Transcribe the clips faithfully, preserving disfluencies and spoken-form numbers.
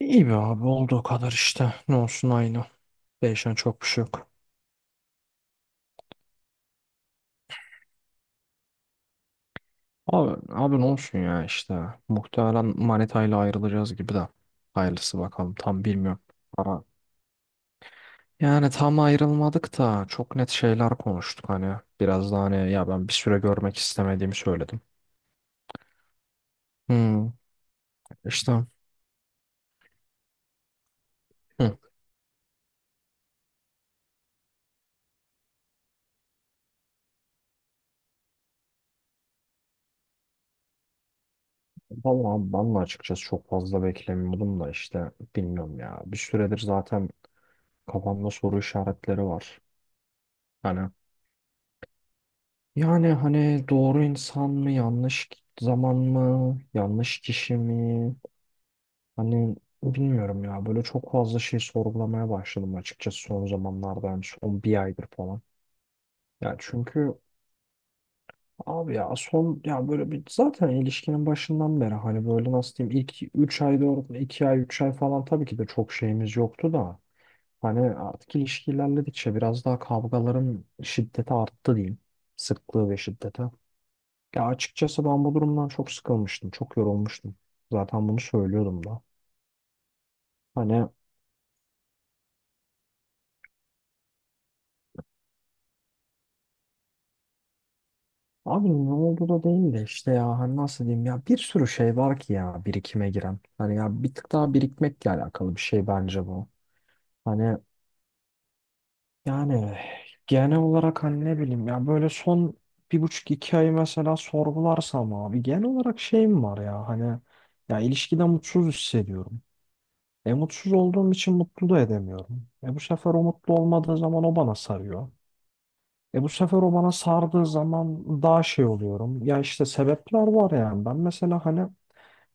İyi be abi olduğu kadar işte. Ne olsun aynı. Değişen çok bir şey yok. Abi, abi ne olsun ya işte. Muhtemelen manitayla ayrılacağız gibi de. Hayırlısı bakalım tam bilmiyorum. Ama yani tam ayrılmadık da çok net şeyler konuştuk hani. Biraz daha hani ya ben bir süre görmek istemediğimi söyledim. Hmm, işte. Hı. Vallahi ben de açıkçası çok fazla beklemiyordum da işte bilmiyorum ya. Bir süredir zaten kafamda soru işaretleri var. Hani yani hani doğru insan mı, yanlış zaman mı, yanlış kişi mi? Hani bilmiyorum ya. Böyle çok fazla şey sorgulamaya başladım açıkçası son zamanlarda. Yani son bir aydır falan. Ya çünkü abi ya son ya böyle bir zaten ilişkinin başından beri hani böyle nasıl diyeyim ilk üç ay dört iki ay üç ay falan tabii ki de çok şeyimiz yoktu da hani artık ilişki ilerledikçe biraz daha kavgaların şiddeti arttı diyeyim. Sıklığı ve şiddeti. Ya açıkçası ben bu durumdan çok sıkılmıştım. Çok yorulmuştum. Zaten bunu söylüyordum da. Hani abi ne oldu da değil de işte ya hani nasıl diyeyim ya bir sürü şey var ki ya birikime giren. Hani ya bir tık daha birikmekle alakalı bir şey bence bu. Hani yani genel olarak hani ne bileyim ya böyle son bir buçuk iki ay mesela sorgularsam abi genel olarak şeyim var ya hani ya ilişkide mutsuz hissediyorum. E mutsuz olduğum için mutlu da edemiyorum. E bu sefer o mutlu olmadığı zaman o bana sarıyor. E bu sefer o bana sardığı zaman daha şey oluyorum. Ya işte sebepler var yani. Ben mesela hani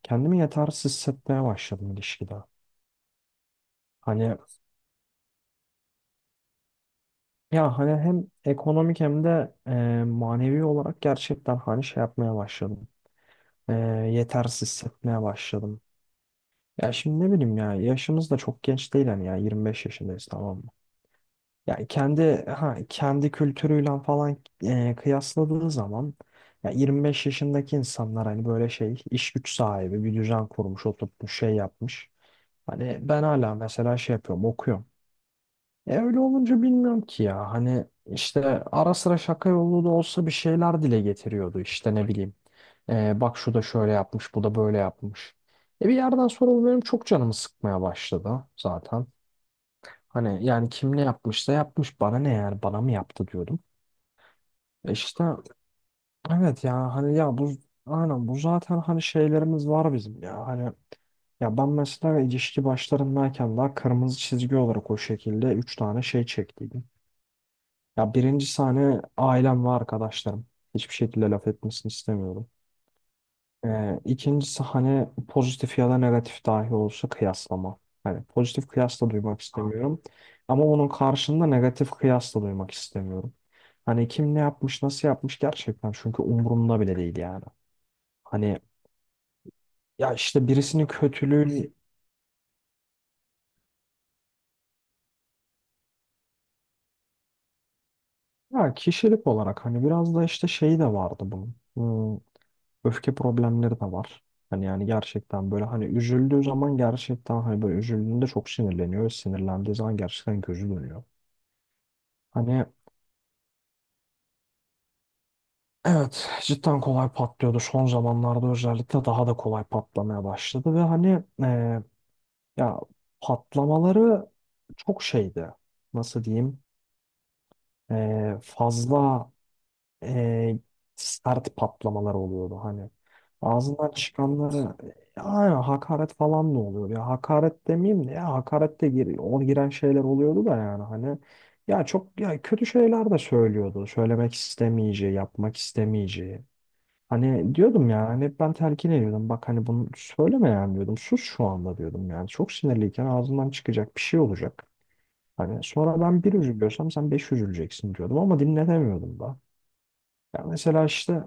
kendimi yetersiz hissetmeye başladım ilişkide. Hani ya hani hem ekonomik hem de e, manevi olarak gerçekten hani şey yapmaya başladım. E, yetersiz hissetmeye başladım. Ya şimdi ne bileyim ya yaşımız da çok genç değil hani ya yirmi beş yaşındayız tamam mı? Yani kendi ha, kendi kültürüyle falan e, kıyasladığı zaman ya yirmi beş yaşındaki insanlar hani böyle şey iş güç sahibi bir düzen kurmuş oturtmuş şey yapmış. Hani ben hala mesela şey yapıyorum okuyorum. E öyle olunca bilmiyorum ki ya hani işte ara sıra şaka yolu da olsa bir şeyler dile getiriyordu işte ne bileyim. E, bak şu da şöyle yapmış bu da böyle yapmış. E bir yerden sonra bu benim çok canımı sıkmaya başladı zaten. Hani yani kim ne yapmışsa yapmış bana ne yani bana mı yaptı diyordum. E işte evet ya hani ya bu aynen bu zaten hani şeylerimiz var bizim ya hani ya ben mesela ilişki başlarındayken daha kırmızı çizgi olarak o şekilde üç tane şey çektiydim. Ya birincisi hani ailem ve arkadaşlarım. Hiçbir şekilde laf etmesini istemiyorum. Ee, ikincisi hani pozitif ya da negatif dahi olsa kıyaslama. Hani pozitif kıyas da duymak istemiyorum. Ama onun karşında negatif kıyas da duymak istemiyorum. Hani kim ne yapmış, nasıl yapmış gerçekten çünkü umurumda bile değil yani. Hani ya işte birisinin kötülüğü ya kişilik olarak hani biraz da işte şeyi de vardı bunun. Hmm, öfke problemleri de var. Hani yani gerçekten böyle hani üzüldüğü zaman gerçekten hani böyle üzüldüğünde çok sinirleniyor. Sinirlendiği zaman gerçekten gözü dönüyor. Hani evet, cidden kolay patlıyordu. Son zamanlarda özellikle daha da kolay patlamaya başladı ve hani e, ya patlamaları çok şeydi. Nasıl diyeyim? E, fazla e, sert patlamalar oluyordu hani. Ağzından çıkanları ya aynen hakaret falan da oluyor. Ya hakaret demeyeyim de ya hakaret de gir, o giren şeyler oluyordu da yani hani ya çok ya kötü şeyler de söylüyordu. Söylemek istemeyeceği, yapmak istemeyeceği. Hani diyordum ya hani hep ben telkin ediyordum. Bak hani bunu söyleme yani diyordum. Sus şu anda diyordum yani. Çok sinirliyken ağzından çıkacak bir şey olacak. Hani sonra ben bir üzülüyorsam sen beş üzüleceksin diyordum ama dinletemiyordum da. Ya mesela işte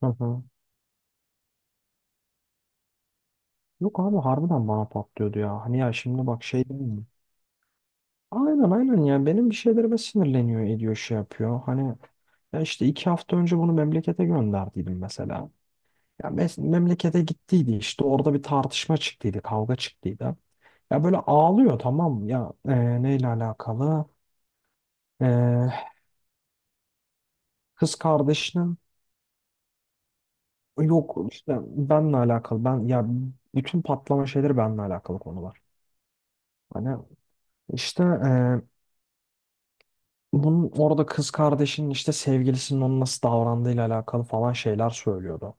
hı hı. Yok abi harbiden bana patlıyordu ya. Hani ya şimdi bak şey değil mi? Aynen aynen ya benim bir şeylerime sinirleniyor ediyor şey yapıyor. Hani ya işte iki hafta önce bunu memlekete gönderdiydim mesela. Ya mes- memlekete gittiydi işte orada bir tartışma çıktıydı, kavga çıktıydı. Ya böyle ağlıyor tamam mı? Ya e, neyle alakalı? E, kız kardeşinin yok işte benle alakalı. Ben ya bütün patlama şeyleri benle alakalı konular. Hani işte e, bunun orada kız kardeşinin işte sevgilisinin onun nasıl davrandığıyla alakalı falan şeyler söylüyordu.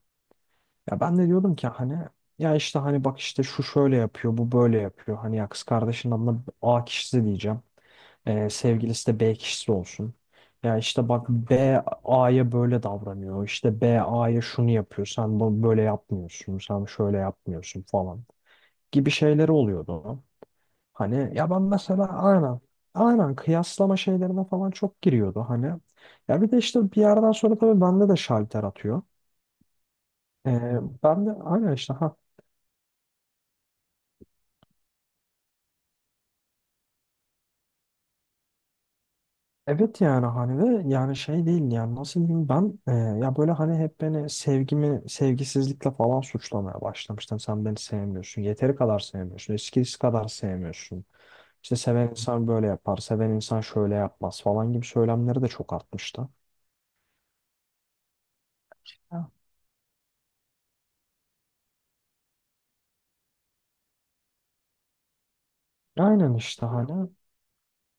Ya ben de diyordum ki hani ya işte hani bak işte şu şöyle yapıyor, bu böyle yapıyor. Hani ya kız kardeşinin adına A kişisi diyeceğim. Ee, sevgilisi de B kişisi olsun. Ya işte bak B A'ya böyle davranıyor. İşte B A'ya şunu yapıyor. Sen bu böyle yapmıyorsun. Sen şöyle yapmıyorsun falan gibi şeyleri oluyordu. Hani ya ben mesela aynen aynen kıyaslama şeylerine falan çok giriyordu hani. Ya bir de işte bir yerden sonra tabii bende de şalter atıyor. Ee, ben de aynen işte evet yani hani ve yani şey değil yani nasıl diyeyim ben e, ya böyle hani hep beni sevgimi sevgisizlikle falan suçlamaya başlamıştım. Sen beni sevmiyorsun. Yeteri kadar sevmiyorsun. Eskisi kadar sevmiyorsun. İşte seven insan böyle yapar. Seven insan şöyle yapmaz falan gibi söylemleri de çok artmıştı. Ha. Aynen işte hani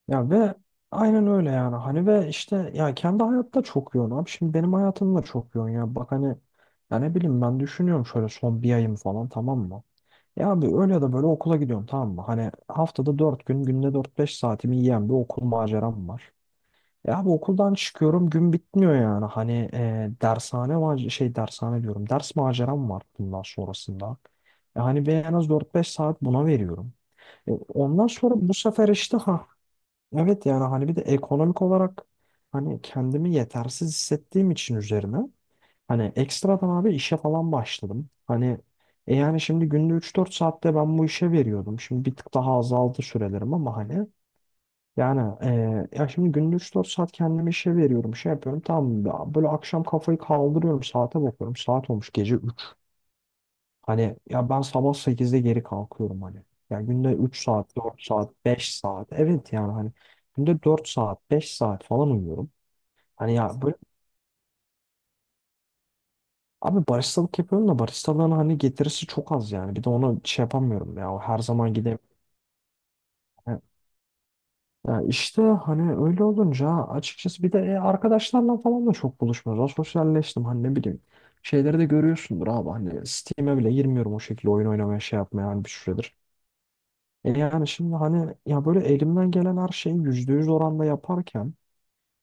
ya ve aynen öyle yani hani ve işte ya kendi hayatta çok yoğun abi şimdi benim hayatım da çok yoğun ya bak hani ya ne bileyim ben düşünüyorum şöyle son bir ayım falan tamam mı? Ya abi öyle ya da böyle okula gidiyorum tamam mı? Hani haftada dört gün, günde dört beş saatimi yiyen bir okul maceram var. Ya abi okuldan çıkıyorum gün bitmiyor yani. Hani e, dershane mac- şey dershane diyorum. Ders maceram var bundan sonrasında. Yani ben en az dört beş saat buna veriyorum. E, ondan sonra bu sefer işte ha evet yani hani bir de ekonomik olarak hani kendimi yetersiz hissettiğim için üzerine hani ekstradan abi işe falan başladım. Hani e yani şimdi günde üç dört saatte ben bu işe veriyordum. Şimdi bir tık daha azaldı sürelerim ama hani yani e, ya şimdi günde üç dört saat kendime işe veriyorum. Şey yapıyorum tamam ya böyle akşam kafayı kaldırıyorum saate bakıyorum. Saat olmuş gece üç. Hani ya ben sabah sekizde geri kalkıyorum hani. Yani günde üç saat, dört saat, beş saat. Evet yani hani günde dört saat, beş saat falan uyuyorum. Hani ya abi baristalık yapıyorum da baristalığın hani getirisi çok az yani. Bir de ona şey yapamıyorum ya. O her zaman gidemiyorum. Ya işte hani öyle olunca açıkçası bir de e, arkadaşlarla falan da çok buluşmuyoruz. Az sosyalleştim hani ne bileyim. Şeyleri de görüyorsundur abi hani Steam'e bile girmiyorum o şekilde oyun oynamaya şey yapmaya hani bir süredir. E yani şimdi hani ya böyle elimden gelen her şeyi yüzde yüz oranda yaparken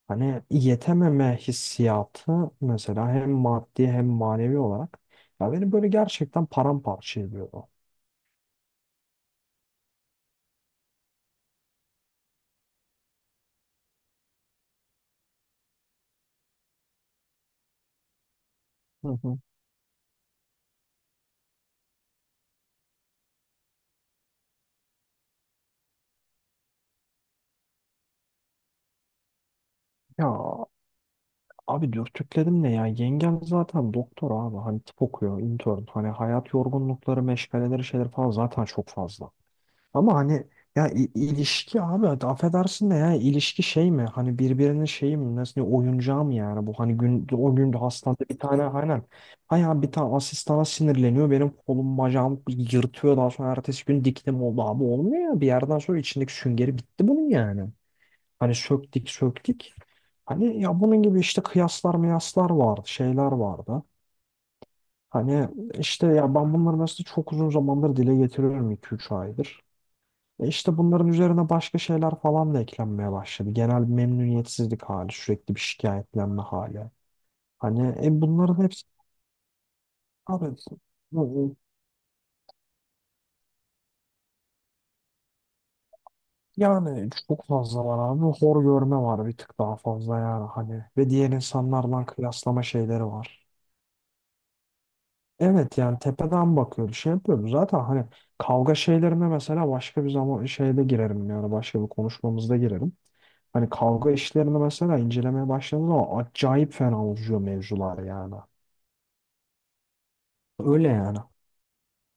hani yetememe hissiyatı mesela hem maddi hem manevi olarak ya beni böyle gerçekten paramparça ediyor. Hı hı. Ya abi dürtükledim ne ya? Yengem zaten doktor abi. Hani tıp okuyor, intern. Hani hayat yorgunlukları, meşgaleleri, şeyler falan zaten çok fazla. Ama hani ya i- ilişki abi hadi affedersin de ya ilişki şey mi? Hani birbirinin şeyi mi? Nasıl diyeyim, oyuncağı mı yani? Bu hani gün, o gün de hastanede bir tane aynen. Hayır bir tane asistana sinirleniyor. Benim kolum bacağım yırtıyor. Daha sonra ertesi gün diktim oldu abi. Olmuyor ya. Bir yerden sonra içindeki süngeri bitti bunun yani. Hani söktük söktük. Hani ya bunun gibi işte kıyaslar miyaslar vardı, şeyler vardı. Hani işte ya ben bunları mesela çok uzun zamandır dile getiriyorum iki üç aydır. E işte bunların üzerine başka şeyler falan da eklenmeye başladı. Genel bir memnuniyetsizlik hali, sürekli bir şikayetlenme hali. Hani e bunların hepsi abi bu- yani çok fazla var abi. Hor görme var bir tık daha fazla yani hani. Ve diğer insanlarla kıyaslama şeyleri var. Evet yani tepeden bakıyoruz şey yapıyoruz zaten hani kavga şeylerine mesela başka bir zaman şeyde girerim yani başka bir konuşmamızda girerim. Hani kavga işlerini mesela incelemeye başladığım zaman acayip fena uzuyor mevzular yani. Öyle yani.